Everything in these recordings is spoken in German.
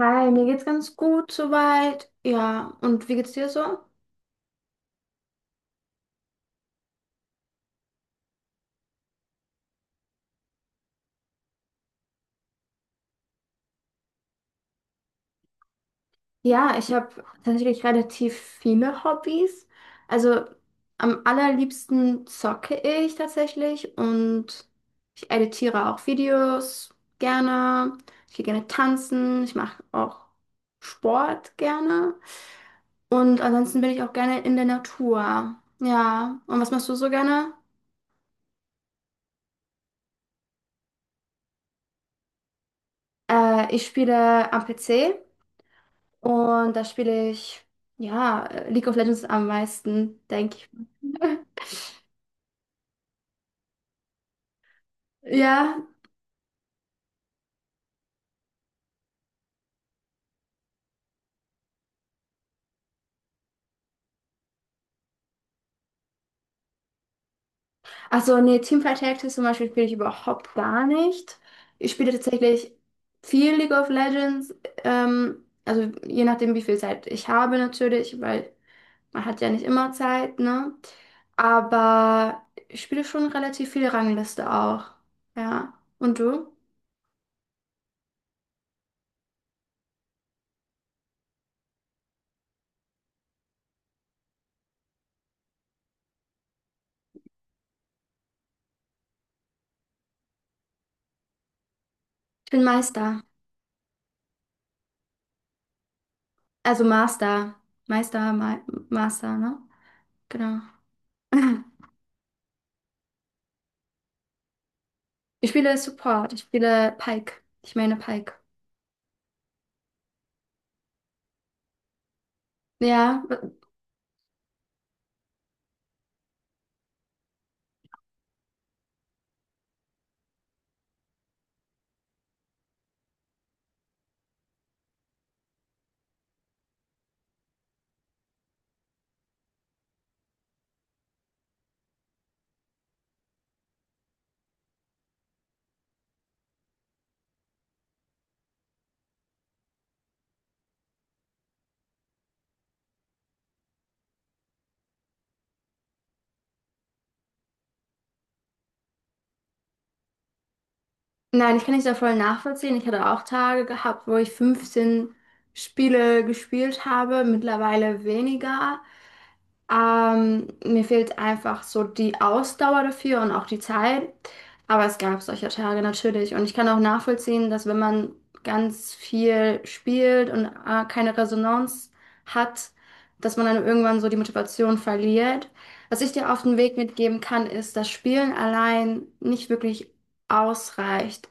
Hi, mir geht's ganz gut soweit. Ja, und wie geht's dir so? Ja, ich habe tatsächlich relativ viele Hobbys. Also am allerliebsten zocke ich tatsächlich und ich editiere auch Videos gerne. Ich gehe gerne tanzen. Ich mache auch Sport gerne. Und ansonsten bin ich auch gerne in der Natur. Ja, und was machst du so gerne? Ich spiele am PC. Und da spiele ich, ja, League of Legends am meisten, denke ich. Ja, also nee, Teamfight Tactics zum Beispiel spiele ich überhaupt gar nicht. Ich spiele tatsächlich viel League of Legends, also je nachdem, wie viel Zeit ich habe natürlich, weil man hat ja nicht immer Zeit, ne? Aber ich spiele schon relativ viel Rangliste auch. Ja. Und du? Ich bin Meister. Also Master. Meister, Ma Master, ne? Genau. Ich spiele Support, ich spiele Pike. Ich meine Pike. Ja, w- nein, ich kann nicht da voll nachvollziehen. Ich hatte auch Tage gehabt, wo ich 15 Spiele gespielt habe, mittlerweile weniger. Mir fehlt einfach so die Ausdauer dafür und auch die Zeit. Aber es gab solche Tage natürlich. Und ich kann auch nachvollziehen, dass wenn man ganz viel spielt und keine Resonanz hat, dass man dann irgendwann so die Motivation verliert. Was ich dir auf den Weg mitgeben kann, ist, dass Spielen allein nicht wirklich ausreicht.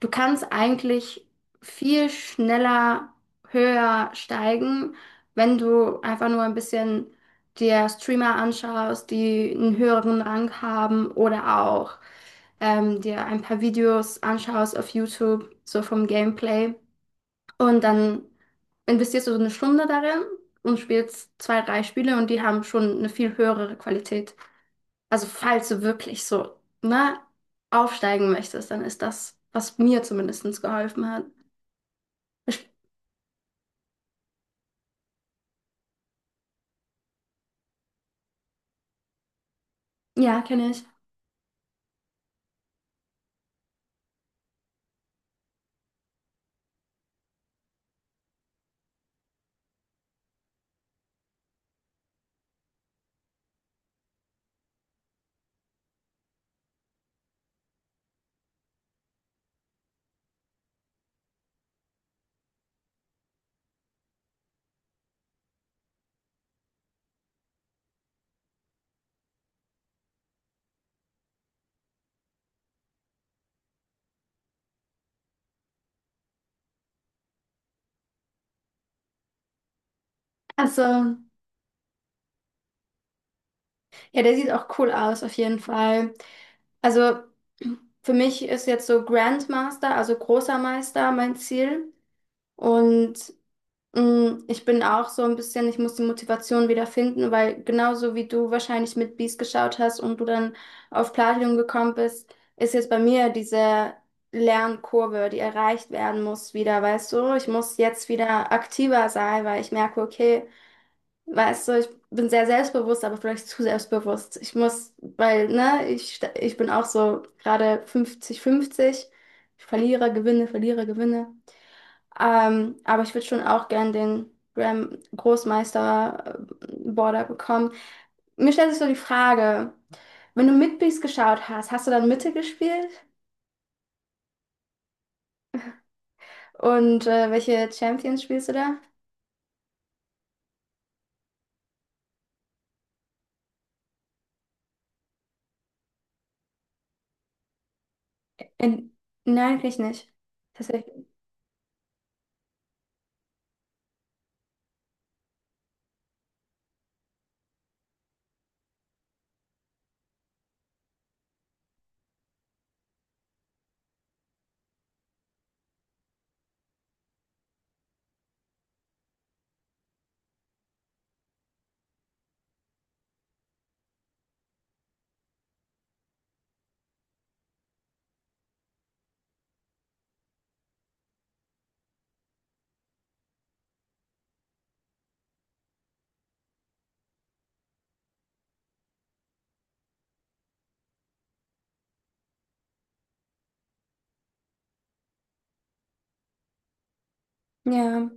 Du kannst eigentlich viel schneller, höher steigen, wenn du einfach nur ein bisschen dir Streamer anschaust, die einen höheren Rang haben oder auch dir ein paar Videos anschaust auf YouTube, so vom Gameplay. Und dann investierst du so eine Stunde darin und spielst zwei, drei Spiele und die haben schon eine viel höhere Qualität. Also falls du wirklich so, ne, aufsteigen möchtest, dann ist das, was mir zumindest geholfen hat. Ich- Ja, kenne ich. Also, ja, der sieht auch cool aus, auf jeden Fall. Also für mich ist jetzt so Grandmaster, also großer Meister, mein Ziel. Und ich bin auch so ein bisschen, ich muss die Motivation wieder finden, weil genauso wie du wahrscheinlich mit Beast geschaut hast und du dann auf Platinum gekommen bist, ist jetzt bei mir diese Lernkurve, die erreicht werden muss, wieder, weißt du? Ich muss jetzt wieder aktiver sein, weil ich merke, okay. Weißt du, ich bin sehr selbstbewusst, aber vielleicht zu selbstbewusst. Ich muss, weil, ne, ich bin auch so gerade 50-50. Ich verliere, gewinne, verliere, gewinne. Aber ich würde schon auch gern den Grand Großmeister Border bekommen. Mir stellt sich so die Frage, wenn du Midbeast geschaut hast, hast du dann Mitte gespielt? Und welche Champions spielst du da? In, nein, kann ich nicht. Tatsächlich. Ja.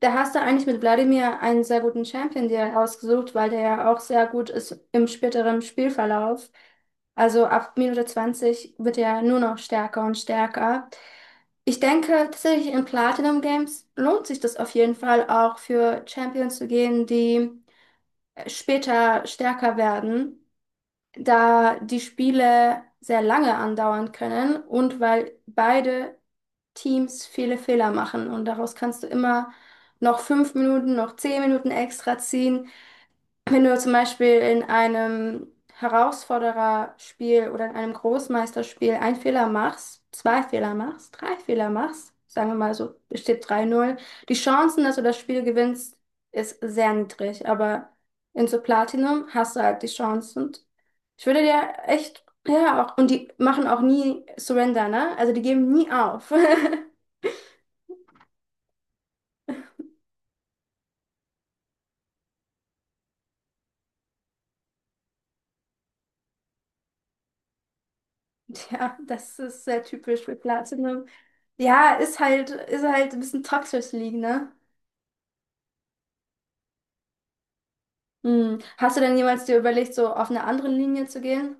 Da hast du eigentlich mit Wladimir einen sehr guten Champion dir rausgesucht, weil der ja auch sehr gut ist im späteren Spielverlauf. Also ab Minute 20 wird er nur noch stärker und stärker. Ich denke tatsächlich in Platinum Games lohnt sich das auf jeden Fall auch für Champions zu gehen, die später stärker werden, da die Spiele sehr lange andauern können und weil beide Teams viele Fehler machen und daraus kannst du immer noch 5 Minuten, noch 10 Minuten extra ziehen. Wenn du zum Beispiel in einem Herausfordererspiel oder in einem Großmeisterspiel einen Fehler machst, zwei Fehler machst, drei Fehler machst, sagen wir mal so, es steht drei null, die Chancen, dass du das Spiel gewinnst, ist sehr niedrig, aber in so Platinum hast du halt die Chance und ich würde dir echt, ja, auch, und die machen auch nie Surrender, ne? Also die geben nie auf. Ja, das ist sehr typisch für Platinum. Ja, ist halt ein bisschen toxisch League, ne? Hm. Hast du denn jemals dir überlegt, so auf eine andere Linie zu gehen?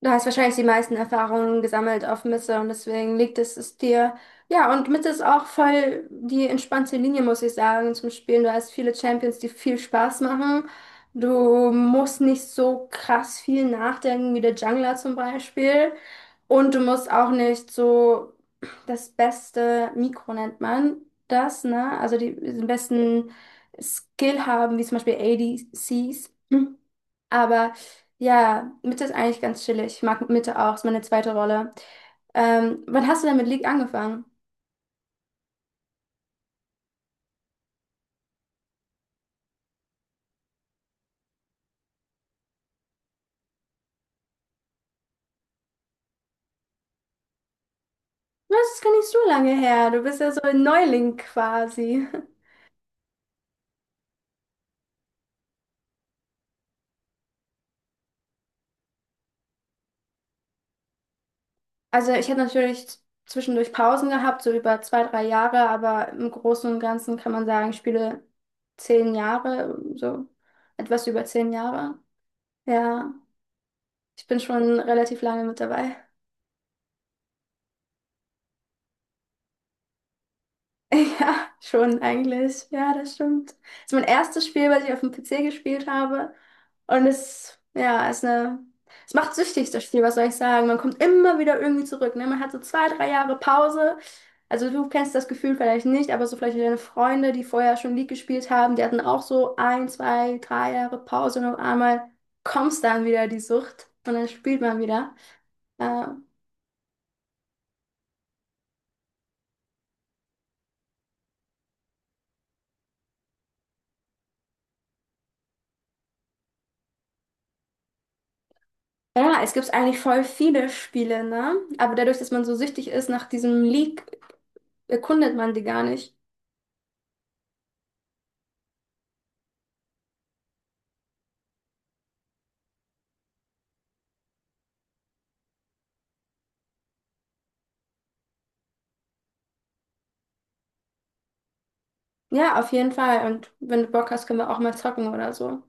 Du hast wahrscheinlich die meisten Erfahrungen gesammelt auf Misse und deswegen es dir. Ja, und Misse ist auch voll die entspannte Linie, muss ich sagen, zum Spielen. Du hast viele Champions, die viel Spaß machen. Du musst nicht so krass viel nachdenken wie der Jungler zum Beispiel. Und du musst auch nicht so das beste Mikro nennt man das, ne? Also die, den besten Skill haben, wie zum Beispiel ADCs. Aber ja, Mitte ist eigentlich ganz chillig. Ich mag Mitte auch, ist meine zweite Rolle. Wann hast du denn mit League angefangen? Das ist gar nicht so lange her. Du bist ja so ein Neuling quasi. Also ich habe natürlich zwischendurch Pausen gehabt, so über zwei, drei Jahre, aber im Großen und Ganzen kann man sagen, ich spiele 10 Jahre, so etwas über 10 Jahre. Ja, ich bin schon relativ lange mit dabei. Ja, schon eigentlich. Ja, das stimmt. Das ist mein erstes Spiel, was ich auf dem PC gespielt habe. Und ja, ist es macht süchtig, das Spiel, was soll ich sagen? Man kommt immer wieder irgendwie zurück, ne? Man hat so zwei, drei Jahre Pause. Also du kennst das Gefühl vielleicht nicht, aber so vielleicht deine Freunde, die vorher schon League gespielt haben, die hatten auch so ein, zwei, drei Jahre Pause und auf einmal kommst dann wieder die Sucht und dann spielt man wieder. Äh, Ja, es gibt eigentlich voll viele Spiele, ne? Aber dadurch, dass man so süchtig ist nach diesem League, erkundet man die gar nicht. Ja, auf jeden Fall. Und wenn du Bock hast, können wir auch mal zocken oder so.